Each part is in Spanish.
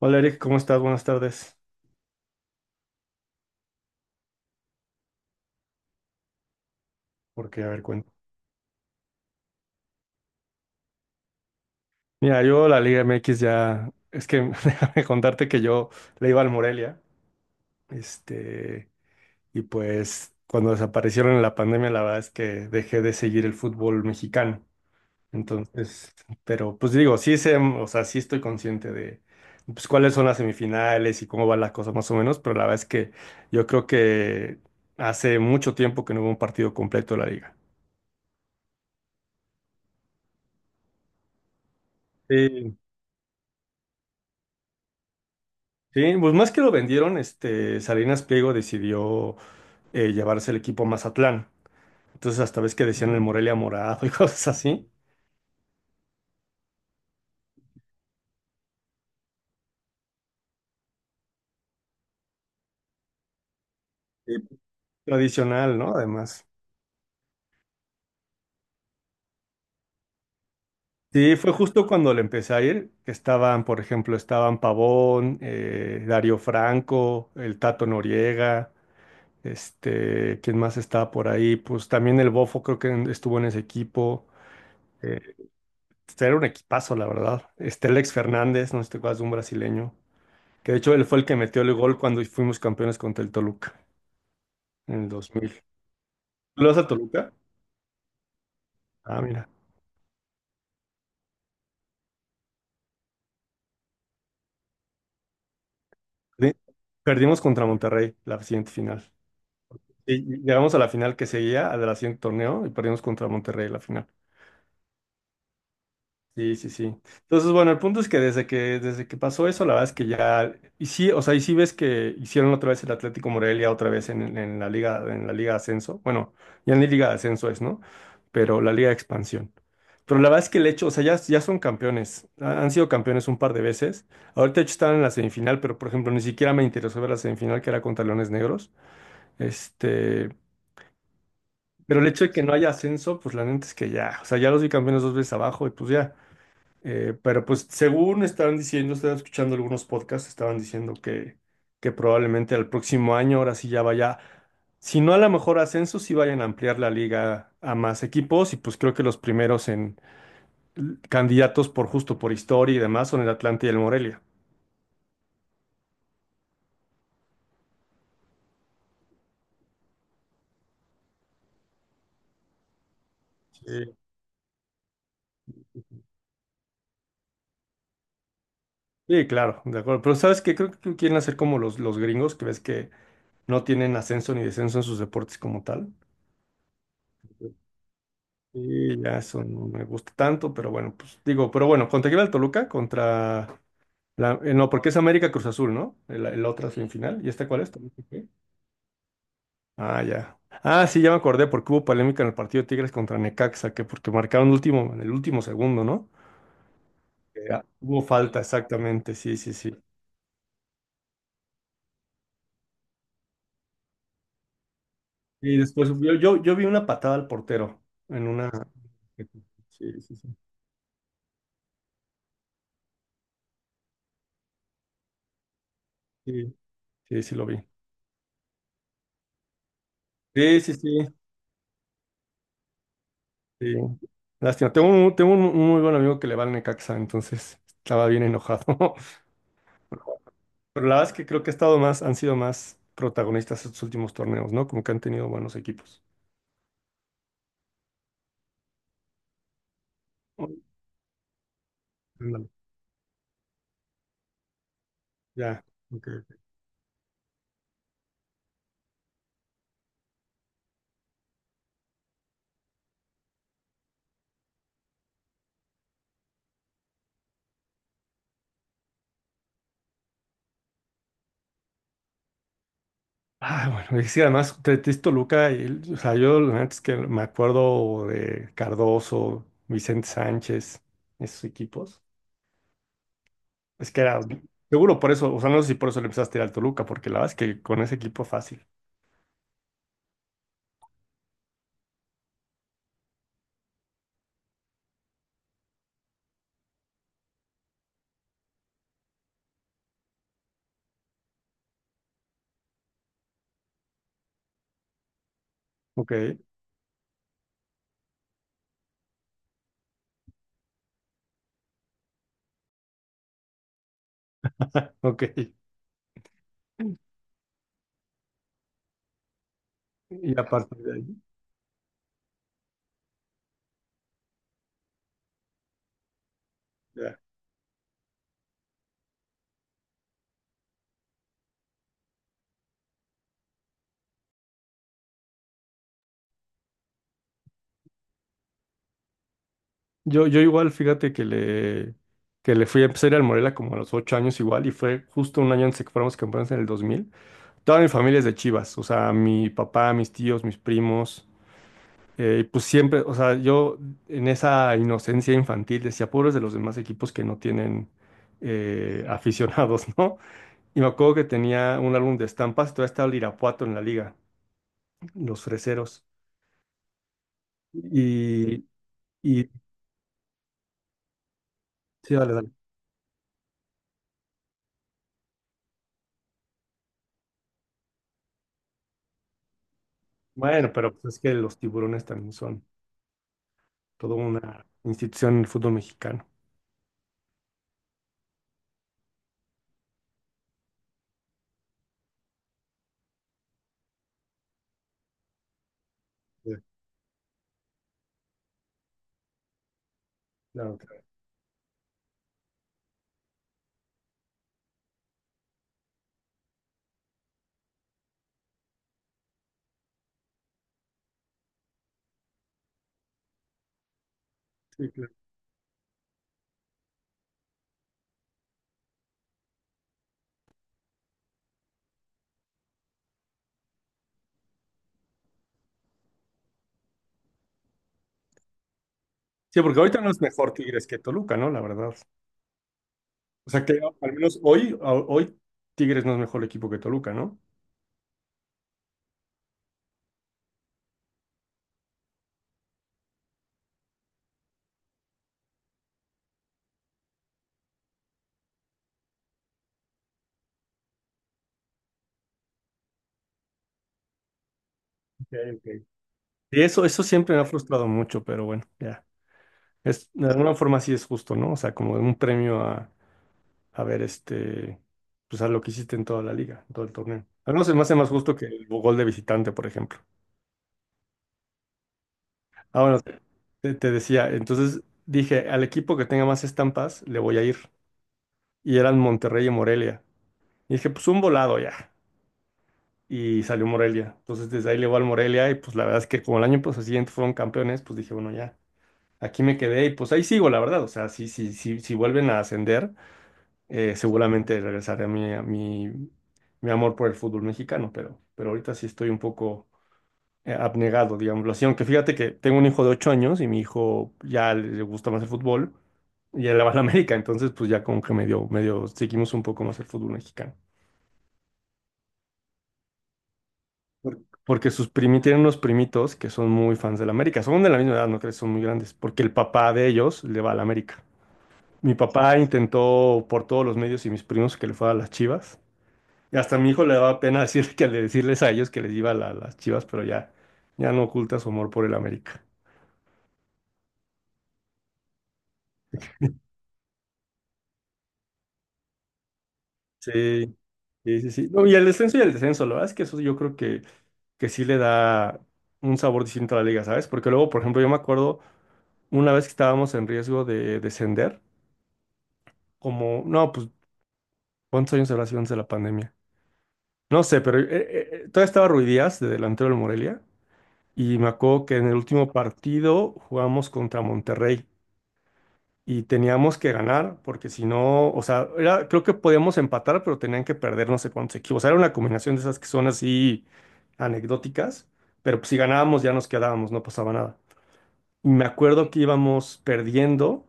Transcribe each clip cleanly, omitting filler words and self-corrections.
Hola Eric, ¿cómo estás? Buenas tardes. Porque, a ver, cuento. Mira, yo la Liga MX ya, es que déjame contarte que yo le iba al Morelia, este, y pues cuando desaparecieron en la pandemia, la verdad es que dejé de seguir el fútbol mexicano. Entonces, pero pues digo, sí sé, o sea, sí estoy consciente de pues cuáles son las semifinales y cómo va la cosa más o menos, pero la verdad es que yo creo que hace mucho tiempo que no hubo un partido completo de la liga. Sí, sí, pues más que lo vendieron, Salinas Pliego decidió llevarse el equipo a Mazatlán. Entonces hasta ves que decían el Morelia Morado y cosas así. Y tradicional, ¿no? Además. Sí, fue justo cuando le empecé a ir, que estaban, por ejemplo, estaban Pavón, Darío Franco, el Tato Noriega, este, ¿quién más estaba por ahí? Pues también el Bofo creo que estuvo en ese equipo. Eh, este era un equipazo, la verdad. Este, Alex Fernández, no sé si te acuerdas de un brasileño. Que de hecho él fue el que metió el gol cuando fuimos campeones contra el Toluca en el 2000. ¿Tú ¿Le vas al Toluca? Ah, mira. Perdi- Perdimos contra Monterrey la siguiente final. Y llegamos a la final que seguía, a la siguiente torneo, y perdimos contra Monterrey la final. Sí, sí, sí. Entonces, bueno, el punto es que desde que pasó eso, la verdad es que ya, y sí, o sea, y sí ves que hicieron otra vez el Atlético Morelia, otra vez en la liga de ascenso. Bueno, ya ni liga de ascenso es, ¿no? Pero la liga de expansión. Pero la verdad es que el hecho, o sea, ya son campeones. Han sido campeones un par de veces. Ahorita de hecho están en la semifinal, pero por ejemplo, ni siquiera me interesó ver la semifinal que era contra Leones Negros. Este, pero el hecho de que no haya ascenso, pues la neta es que ya, o sea, ya los vi campeones dos veces abajo y pues ya. Pero pues según estaban diciendo, estaba escuchando algunos podcasts, estaban diciendo que probablemente al próximo año, ahora sí ya vaya, si no a lo mejor ascenso, sí vayan a ampliar la liga a más equipos y pues creo que los primeros en candidatos por justo por historia y demás son el Atlante y el Morelia. Sí. Sí, claro, de acuerdo. Pero sabes que creo que quieren hacer como los gringos, que ves que no tienen ascenso ni descenso en sus deportes como tal. Y ya eso no me gusta tanto, pero bueno, pues digo, pero bueno, contra quién va el Toluca, contra... no, porque es América Cruz Azul, ¿no? El otra semifinal. ¿Y esta cuál es? ¿También se fue aquí? Ah, ya. Ah, sí, ya me acordé, porque hubo polémica en el partido de Tigres contra Necaxa, que porque marcaron en el último segundo, ¿no? Que ah, hubo falta, exactamente, sí, sí, sí. Y después yo vi una patada al portero en una. Sí, sí, sí. Sí, sí, sí lo vi. Sí, sí, sí. Sí. Lástima. Tengo un muy buen amigo que le va al Necaxa, entonces estaba bien enojado. Pero la verdad es que creo que ha estado más, han sido más protagonistas estos últimos torneos, ¿no? Como que han tenido buenos equipos. Ándale, ya. Ok, ok. Ah, bueno, y sí, además, Tetis Toluca, y, o sea, yo la neta es que me acuerdo de Cardoso, Vicente Sánchez, esos equipos. Es que era, seguro por eso, o sea, no sé si por eso le empezaste a ir al Toluca, porque la verdad es que con ese equipo fácil. Ok, ok. Y aparte de ahí, ya. Yo igual, fíjate que le fui a empezar a ir al Morelia como a los 8 años igual y fue justo un año antes de que fuéramos campeones en el 2000. Toda mi familia es de Chivas, o sea, mi papá, mis tíos, mis primos, y pues siempre, o sea, yo en esa inocencia infantil decía, pobres de los demás equipos que no tienen aficionados, ¿no? Y me acuerdo que tenía un álbum de estampas, todavía estaba el Irapuato en la liga, los freseros. Y, y sí, dale, dale. Bueno, pero pues es que los tiburones también son toda una institución en el fútbol mexicano. Sí, claro, claro. Sí, claro. Sí, porque ahorita no es mejor Tigres que Toluca, ¿no? La verdad. O sea que al menos hoy, hoy Tigres no es mejor equipo que Toluca, ¿no? Ok, ok. Y eso siempre me ha frustrado mucho, pero bueno, ya. Es, de alguna forma sí es justo, ¿no? O sea, como un premio a ver, este, pues a lo que hiciste en toda la liga, en todo el torneo. Al menos se me hace más justo que el gol de visitante, por ejemplo. Ah, bueno, te decía, entonces dije, al equipo que tenga más estampas, le voy a ir. Y eran Monterrey y Morelia. Y dije, pues un volado ya. Y salió Morelia. Entonces desde ahí le voy al Morelia y pues la verdad es que como el año pues, siguiente fueron campeones, pues dije, bueno, ya, aquí me quedé y pues ahí sigo, la verdad. O sea, si vuelven a ascender, seguramente regresaré a mi, mi amor por el fútbol mexicano, pero ahorita sí estoy un poco abnegado, digámoslo así. Aunque fíjate que tengo un hijo de 8 años y mi hijo ya le gusta más el fútbol. Y él le va a la América, entonces pues ya como que medio, medio seguimos un poco más el fútbol mexicano. Por- Porque sus primi tienen unos primitos que son muy fans del América. Son de la misma edad, no crees, son muy grandes. Porque el papá de ellos le va al América. Mi papá intentó por todos los medios y mis primos que le fuera a las Chivas. Y hasta a mi hijo le daba pena decir que decirles a ellos que les iba a las Chivas, pero ya, ya no oculta su amor por el América. Sí, sí, sí, sí. No, y el descenso, la verdad es que eso yo creo que sí le da un sabor distinto a la liga, ¿sabes? Porque luego, por ejemplo, yo me acuerdo una vez que estábamos en riesgo de descender, como, no, pues ¿cuántos años habrá sido antes de la pandemia? No sé, pero todavía estaba Ruiz Díaz de delantero del Morelia y me acuerdo que en el último partido jugamos contra Monterrey y teníamos que ganar porque si no, o sea, creo que podíamos empatar, pero tenían que perder no sé cuántos equipos. O sea, era una combinación de esas que son así anecdóticas, pero pues, si ganábamos ya nos quedábamos, no pasaba nada. Y me acuerdo que íbamos perdiendo.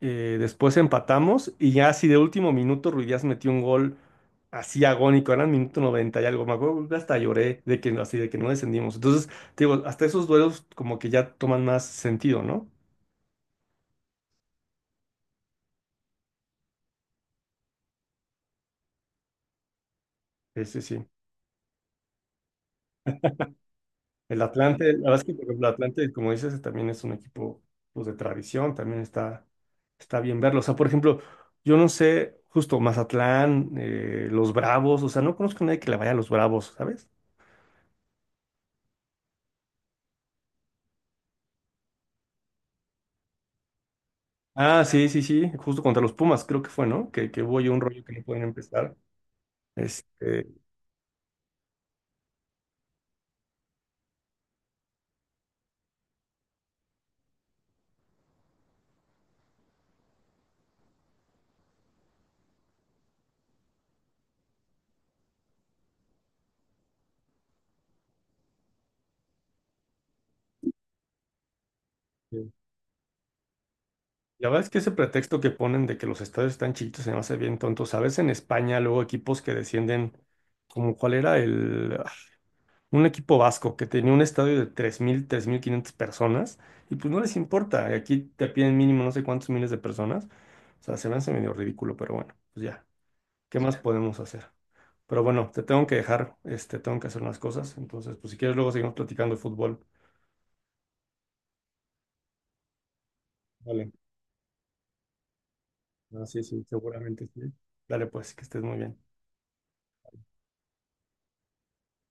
Después empatamos y ya así de último minuto Ruiz Díaz metió un gol así agónico, eran minuto 90 y algo, me acuerdo que hasta lloré de que, así de que no descendimos. Entonces, te digo, hasta esos duelos como que ya toman más sentido, ¿no? Sí, sí, sí. El Atlante, la verdad es que por ejemplo, el Atlante, como dices, también es un equipo pues, de tradición, también está, está bien verlo. O sea, por ejemplo, yo no sé, justo Mazatlán, los Bravos, o sea, no conozco a nadie que le vaya a los Bravos, ¿sabes? Ah, sí, sí, sí, justo contra los Pumas, creo que fue, ¿no? Que hubo ahí un rollo que no pueden empezar. Este, sí. La verdad es que ese pretexto que ponen de que los estadios están chiquitos se me hace bien tonto. ¿Sabes? En España, luego equipos que descienden, como cuál era el. Ah, un equipo vasco que tenía un estadio de 3.500 personas, y pues no les importa. Aquí te piden mínimo no sé cuántos miles de personas. O sea, se me hace medio ridículo, pero bueno, pues ya. ¿Qué más podemos hacer? Pero bueno, te tengo que dejar, este, tengo que hacer unas cosas. Entonces, pues si quieres, luego seguimos platicando de fútbol. Vale. Ah, sí, sí, seguramente sí. Dale, pues, que estés muy bien.